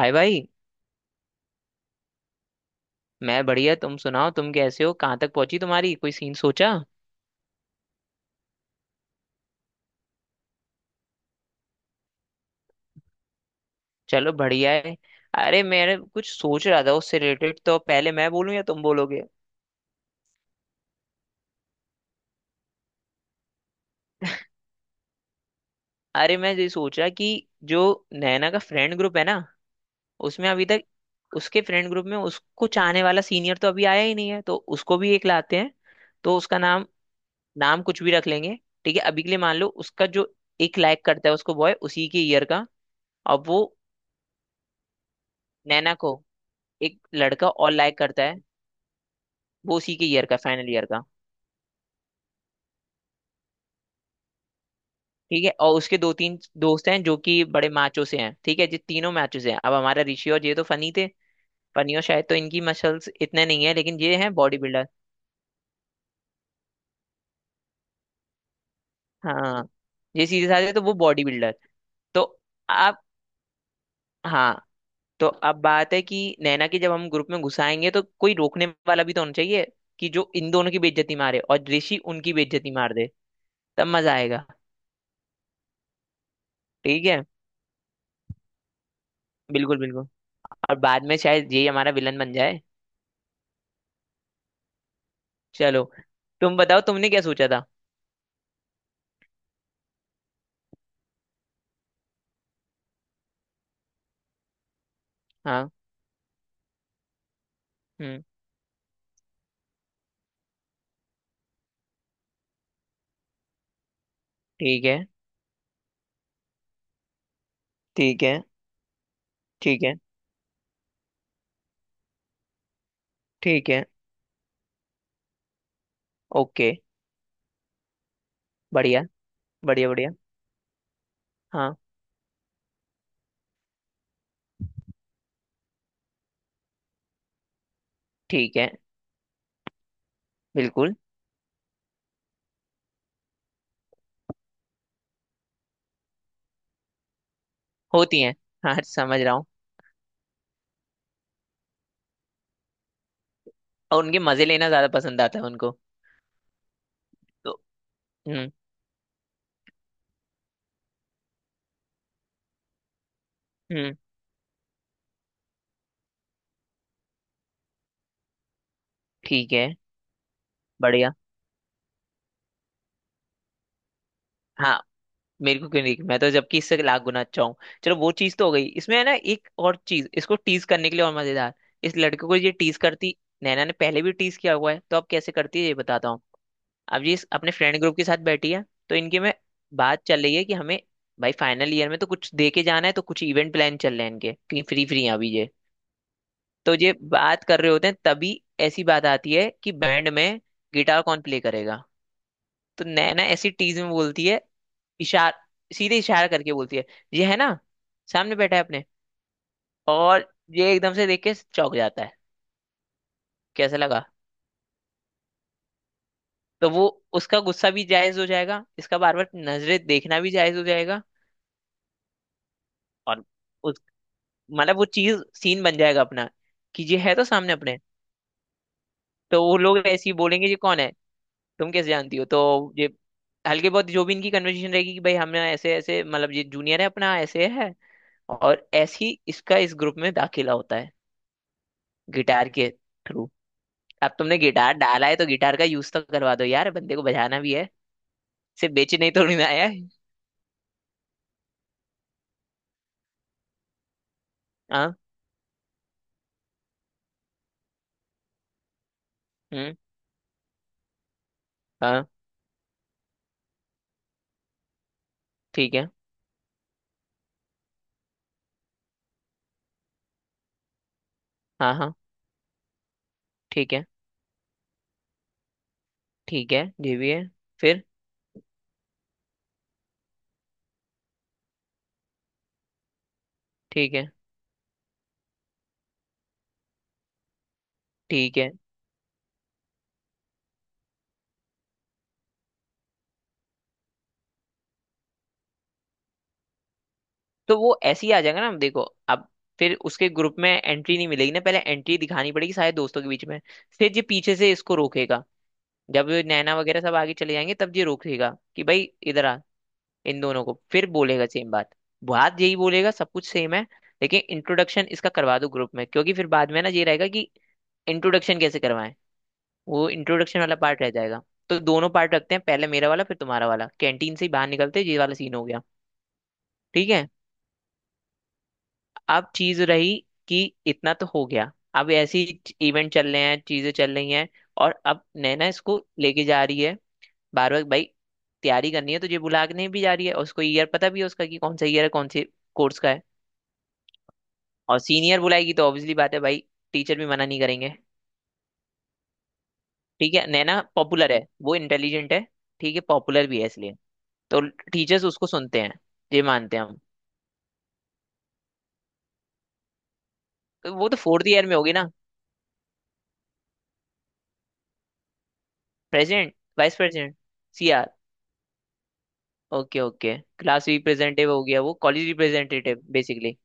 हाय भाई। मैं बढ़िया, तुम सुनाओ, तुम कैसे हो? कहाँ तक पहुंची, तुम्हारी कोई सीन सोचा? चलो बढ़िया है। अरे मैंने कुछ सोच रहा था उससे रिलेटेड, तो पहले मैं बोलूं या तुम बोलोगे? अरे मैं ये सोच रहा कि जो नैना का फ्रेंड ग्रुप है ना, उसमें अभी तक उसके फ्रेंड ग्रुप में उसको चाहने वाला सीनियर तो अभी आया ही नहीं है, तो उसको भी एक लाते हैं। तो उसका नाम नाम कुछ भी रख लेंगे। ठीक है, अभी के लिए मान लो उसका जो एक लाइक करता है उसको बॉय, उसी के ईयर का। और वो नैना को एक लड़का और लाइक करता है। वो उसी के ईयर का, फाइनल ईयर का। ठीक है, और उसके दो तीन दोस्त हैं जो कि बड़े मैचों से हैं। ठीक है, ये तीनों मैचों से हैं। अब हमारा ऋषि और ये तो फनी थे, फनी। और शायद तो इनकी मसल्स इतने नहीं है, लेकिन ये हैं बॉडी बिल्डर। हाँ, ये सीधे साधे तो वो बॉडी बिल्डर। तो आप। हाँ, तो अब बात है कि नैना के जब हम ग्रुप में घुसाएंगे तो कोई रोकने वाला भी तो होना चाहिए कि जो इन दोनों की बेइज्जती मारे और ऋषि उनकी बेइज्जती मार दे, तब मजा आएगा। ठीक है। बिल्कुल बिल्कुल। और बाद में शायद ये हमारा विलन बन जाए। चलो, तुम बताओ तुमने क्या सोचा था। हाँ। हम्म। ठीक है, ठीक है, ठीक है। ठीक है। ओके। बढ़िया। बढ़िया बढ़िया। हाँ। ठीक है। बिल्कुल। होती हैं। हाँ, समझ रहा हूँ। और उनके मजे लेना ज्यादा पसंद आता है उनको। तो। हम्म। हम्म। ठीक है। बढ़िया। हाँ, मेरे को क्यों नहीं, मैं तो जबकि इससे लाख गुना अच्छा हूँ। चलो, वो चीज तो हो गई, इसमें है ना एक और चीज इसको टीज करने के लिए और मजेदार। इस लड़के को ये टीज करती। नैना ने पहले भी टीज किया हुआ है तो अब कैसे करती है ये बताता हूँ। अब ये अपने फ्रेंड ग्रुप के साथ बैठी है। तो इनके में बात चल रही है कि हमें भाई फाइनल ईयर में तो कुछ दे के जाना है, तो कुछ इवेंट प्लान चल रहे हैं इनके, क्योंकि फ्री फ्री हैं अभी ये। तो ये बात कर रहे होते हैं तभी ऐसी बात आती है कि बैंड में गिटार कौन प्ले करेगा। तो नैना ऐसी टीज में बोलती है, इशार सीधे इशारा करके बोलती है, ये है ना, सामने बैठा है अपने। और ये एकदम से देख के चौंक जाता है। कैसा लगा? तो वो उसका गुस्सा भी जायज हो जाएगा, इसका बार बार नजरें देखना भी जायज हो जाएगा। और मतलब वो चीज सीन बन जाएगा अपना कि ये है तो सामने अपने। तो वो लोग ऐसे ही बोलेंगे ये कौन है, तुम कैसे जानती हो। तो ये हल्के बहुत जो भी इनकी कन्वर्सेशन रहेगी कि भाई हमने ऐसे ऐसे मतलब ये जूनियर है अपना, ऐसे है। और ऐसे ही इसका इस ग्रुप में दाखिला होता है गिटार के थ्रू। अब तुमने गिटार डाला है तो गिटार का यूज तो करवा दो यार, बंदे को बजाना भी है, सिर्फ बेचने ही थोड़ी ना आया है। हाँ। हम्म। हाँ। ठीक है। हाँ हाँ। ठीक है, ठीक है, ये भी है। फिर। ठीक है, ठीक है। तो वो ऐसे ही आ जाएगा ना, देखो। अब फिर उसके ग्रुप में एंट्री नहीं मिलेगी ना, पहले एंट्री दिखानी पड़ेगी सारे दोस्तों के बीच में। फिर ये पीछे से इसको रोकेगा, जब ये नैना वगैरह सब आगे चले जाएंगे तब ये रोकेगा कि भाई इधर आ। इन दोनों को फिर बोलेगा सेम बात, बात यही बोलेगा, सब कुछ सेम है। लेकिन इंट्रोडक्शन इसका करवा दो ग्रुप में, क्योंकि फिर बाद में ना ये रहेगा कि इंट्रोडक्शन कैसे करवाएं, वो इंट्रोडक्शन वाला पार्ट रह जाएगा। तो दोनों पार्ट रखते हैं, पहले मेरा वाला फिर तुम्हारा वाला, कैंटीन से ही बाहर निकलते ही ये वाला सीन हो गया। ठीक है। अब चीज रही कि इतना तो हो गया, अब ऐसी इवेंट चल रहे हैं, चीजें चल रही हैं। और अब नैना इसको लेके जा रही है बार बार, भाई तैयारी करनी है, तो ये बुला के नहीं भी जा रही है, और उसको ईयर पता भी है उसका कि कौन सा ईयर है, कौन से कोर्स का है। और सीनियर बुलाएगी तो ऑब्वियसली बात है भाई, टीचर भी मना नहीं करेंगे। ठीक है, नैना पॉपुलर है, वो इंटेलिजेंट है। ठीक है, पॉपुलर भी है इसलिए तो टीचर्स उसको सुनते हैं, ये मानते हैं हम। तो वो तो फोर्थ ईयर में होगी ना। President, vice president. Okay okay, class representative हो गया, वो कॉलेज रिप्रेजेंटेटिव बेसिकली।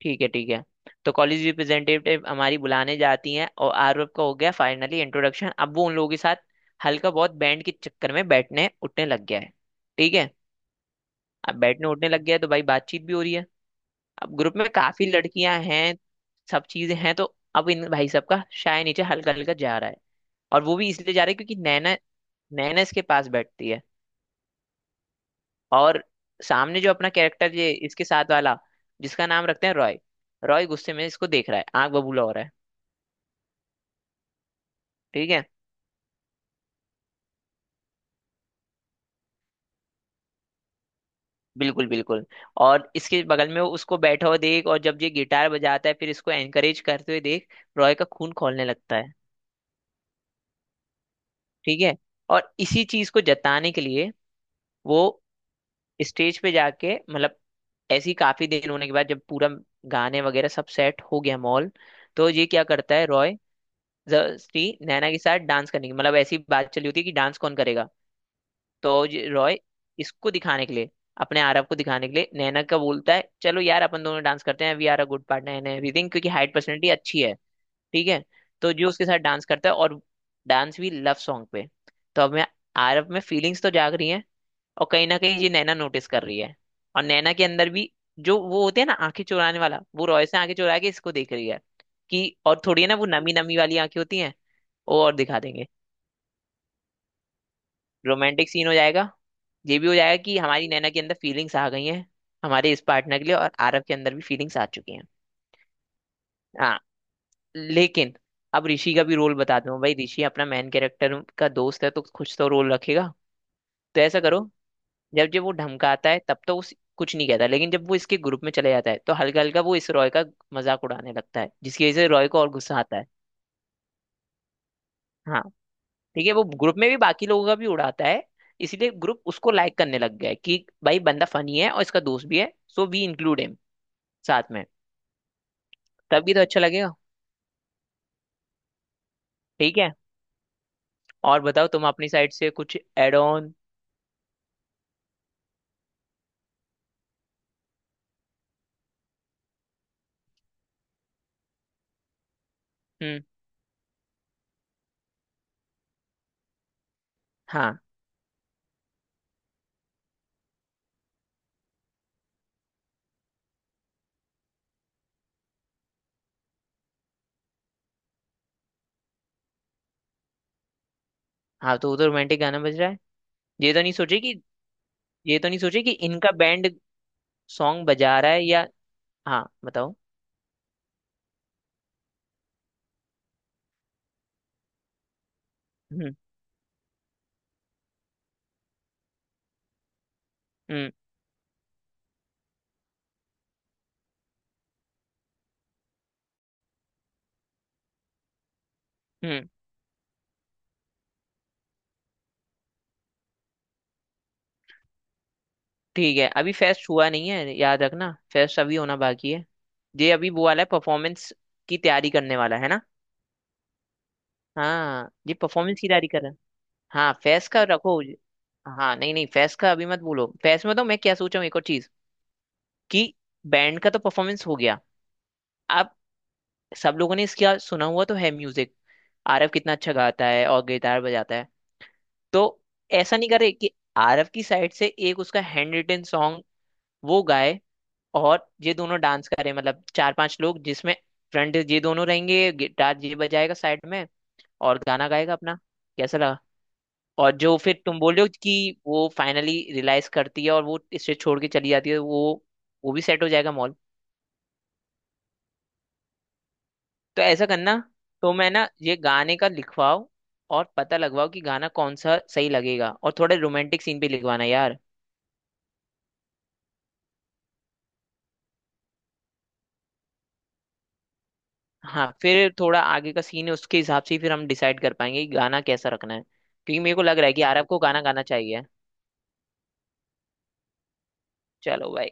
ठीक है, ठीक है। तो कॉलेज रिप्रेजेंटेटिव हमारी बुलाने जाती हैं, और आरव का हो गया फाइनली इंट्रोडक्शन। अब वो उन लोगों के साथ हल्का बहुत बैंड के चक्कर में बैठने उठने लग गया है। ठीक है। अब बैठने उठने लग गया है तो भाई बातचीत भी हो रही है। अब ग्रुप में काफी लड़कियां हैं, सब चीजें हैं, तो अब इन भाई सब का शाय नीचे हल्का हल्का जा रहा है। और वो भी इसलिए जा रहा है क्योंकि नैना नैना इसके पास बैठती है। और सामने जो अपना कैरेक्टर ये इसके साथ वाला, जिसका नाम रखते हैं रॉय। रॉय गुस्से में इसको देख रहा है, आंख बबूला हो रहा है। ठीक है। बिल्कुल बिल्कुल। और इसके बगल में वो उसको बैठा हुआ देख, और जब ये गिटार बजाता है फिर इसको एनकरेज करते हुए देख, रॉय का खून खौलने लगता है। ठीक है। और इसी चीज को जताने के लिए वो स्टेज पे जाके, मतलब ऐसी काफी देर होने के बाद, जब पूरा गाने वगैरह सब सेट हो गया मॉल, तो ये क्या करता है रॉय, जबरदस्ती नैना के साथ डांस करने की, मतलब ऐसी बात चली होती है कि डांस कौन करेगा। तो ये रॉय इसको दिखाने के लिए, अपने आरव को दिखाने के लिए, नैना का बोलता है चलो यार अपन दोनों डांस करते हैं, we are a good partner and everything, क्योंकि हाइट पर्सनैलिटी अच्छी है। ठीक है। तो जो उसके साथ डांस करता है, और डांस भी लव सॉन्ग पे। तो अब मैं आरव में फीलिंग्स तो जाग रही हैं, और कहीं ना कहीं ये नैना नोटिस कर रही है। और नैना के अंदर भी, जो वो होते हैं ना आंखें चुराने वाला, वो रॉय से आंखें चुरा के इसको देख रही है कि, और थोड़ी है ना वो नमी नमी वाली आंखें होती हैं। और दिखा देंगे रोमांटिक सीन हो जाएगा। ये भी हो जाएगा कि हमारी नैना के अंदर फीलिंग्स आ गई हैं हमारे इस पार्टनर के लिए, और आरव के अंदर भी फीलिंग्स आ चुकी हैं। हाँ। लेकिन अब ऋषि का भी रोल बता दूं भाई, ऋषि अपना मेन कैरेक्टर का दोस्त है तो कुछ तो रोल रखेगा। तो ऐसा करो, जब जब वो धमकाता है तब तो उस कुछ नहीं कहता, लेकिन जब वो इसके ग्रुप में चले जाता है तो हल्का हल्का वो इस रॉय का मजाक उड़ाने लगता है, जिसकी वजह से रॉय को और गुस्सा आता है। हाँ, ठीक है, वो ग्रुप में भी बाकी लोगों का भी उड़ाता है। इसीलिए ग्रुप उसको लाइक करने लग गया है कि भाई बंदा फनी है, और इसका दोस्त भी है, सो वी इंक्लूड हिम साथ में। तब भी तो अच्छा लगेगा। ठीक है। और बताओ, तुम अपनी साइड से कुछ एड ऑन? हम्म। हाँ हाँ, तो उधर रोमांटिक गाना बज रहा है। ये तो नहीं सोचे कि ये तो नहीं सोचे कि इनका बैंड सॉन्ग बजा रहा है या। हाँ बताओ। हम्म हम्म हम्म। ठीक है, अभी फेस्ट हुआ नहीं है, याद रखना, फेस्ट अभी होना बाकी है। ये अभी वो वाला है, परफॉर्मेंस की तैयारी करने वाला है ना। हाँ, ये परफॉर्मेंस की तैयारी कर रहे हैं। हाँ, फैस का रखो। हाँ, नहीं नहीं, फैस का अभी मत भूलो, फैस में तो मैं क्या सोचा हूँ एक और चीज कि बैंड का तो परफॉर्मेंस हो गया। अब सब लोगों ने इसका सुना हुआ तो है म्यूजिक, आरव कितना अच्छा गाता है और गिटार बजाता है। तो ऐसा नहीं करे कि आरव की साइड से एक उसका हैंड रिटन सॉन्ग वो गाए, और ये दोनों डांस करें, मतलब चार पांच लोग जिसमें फ्रंट ये दोनों रहेंगे, गिटार ये बजाएगा साइड में, और गाना गाएगा अपना। कैसा? और जो फिर तुम बोल रहे हो कि वो फाइनली रियलाइज करती है और वो इसे छोड़ के चली जाती है, वो भी सेट हो जाएगा मॉल। तो ऐसा करना, तो मैं ना ये गाने का लिखवाओ और पता लगवाओ कि गाना कौन सा सही लगेगा, और थोड़े रोमांटिक सीन भी लिखवाना यार। हाँ, फिर थोड़ा आगे का सीन है, उसके हिसाब से ही फिर हम डिसाइड कर पाएंगे कि गाना कैसा रखना है, क्योंकि मेरे को लग रहा है कि आरव को गाना गाना चाहिए। चलो भाई।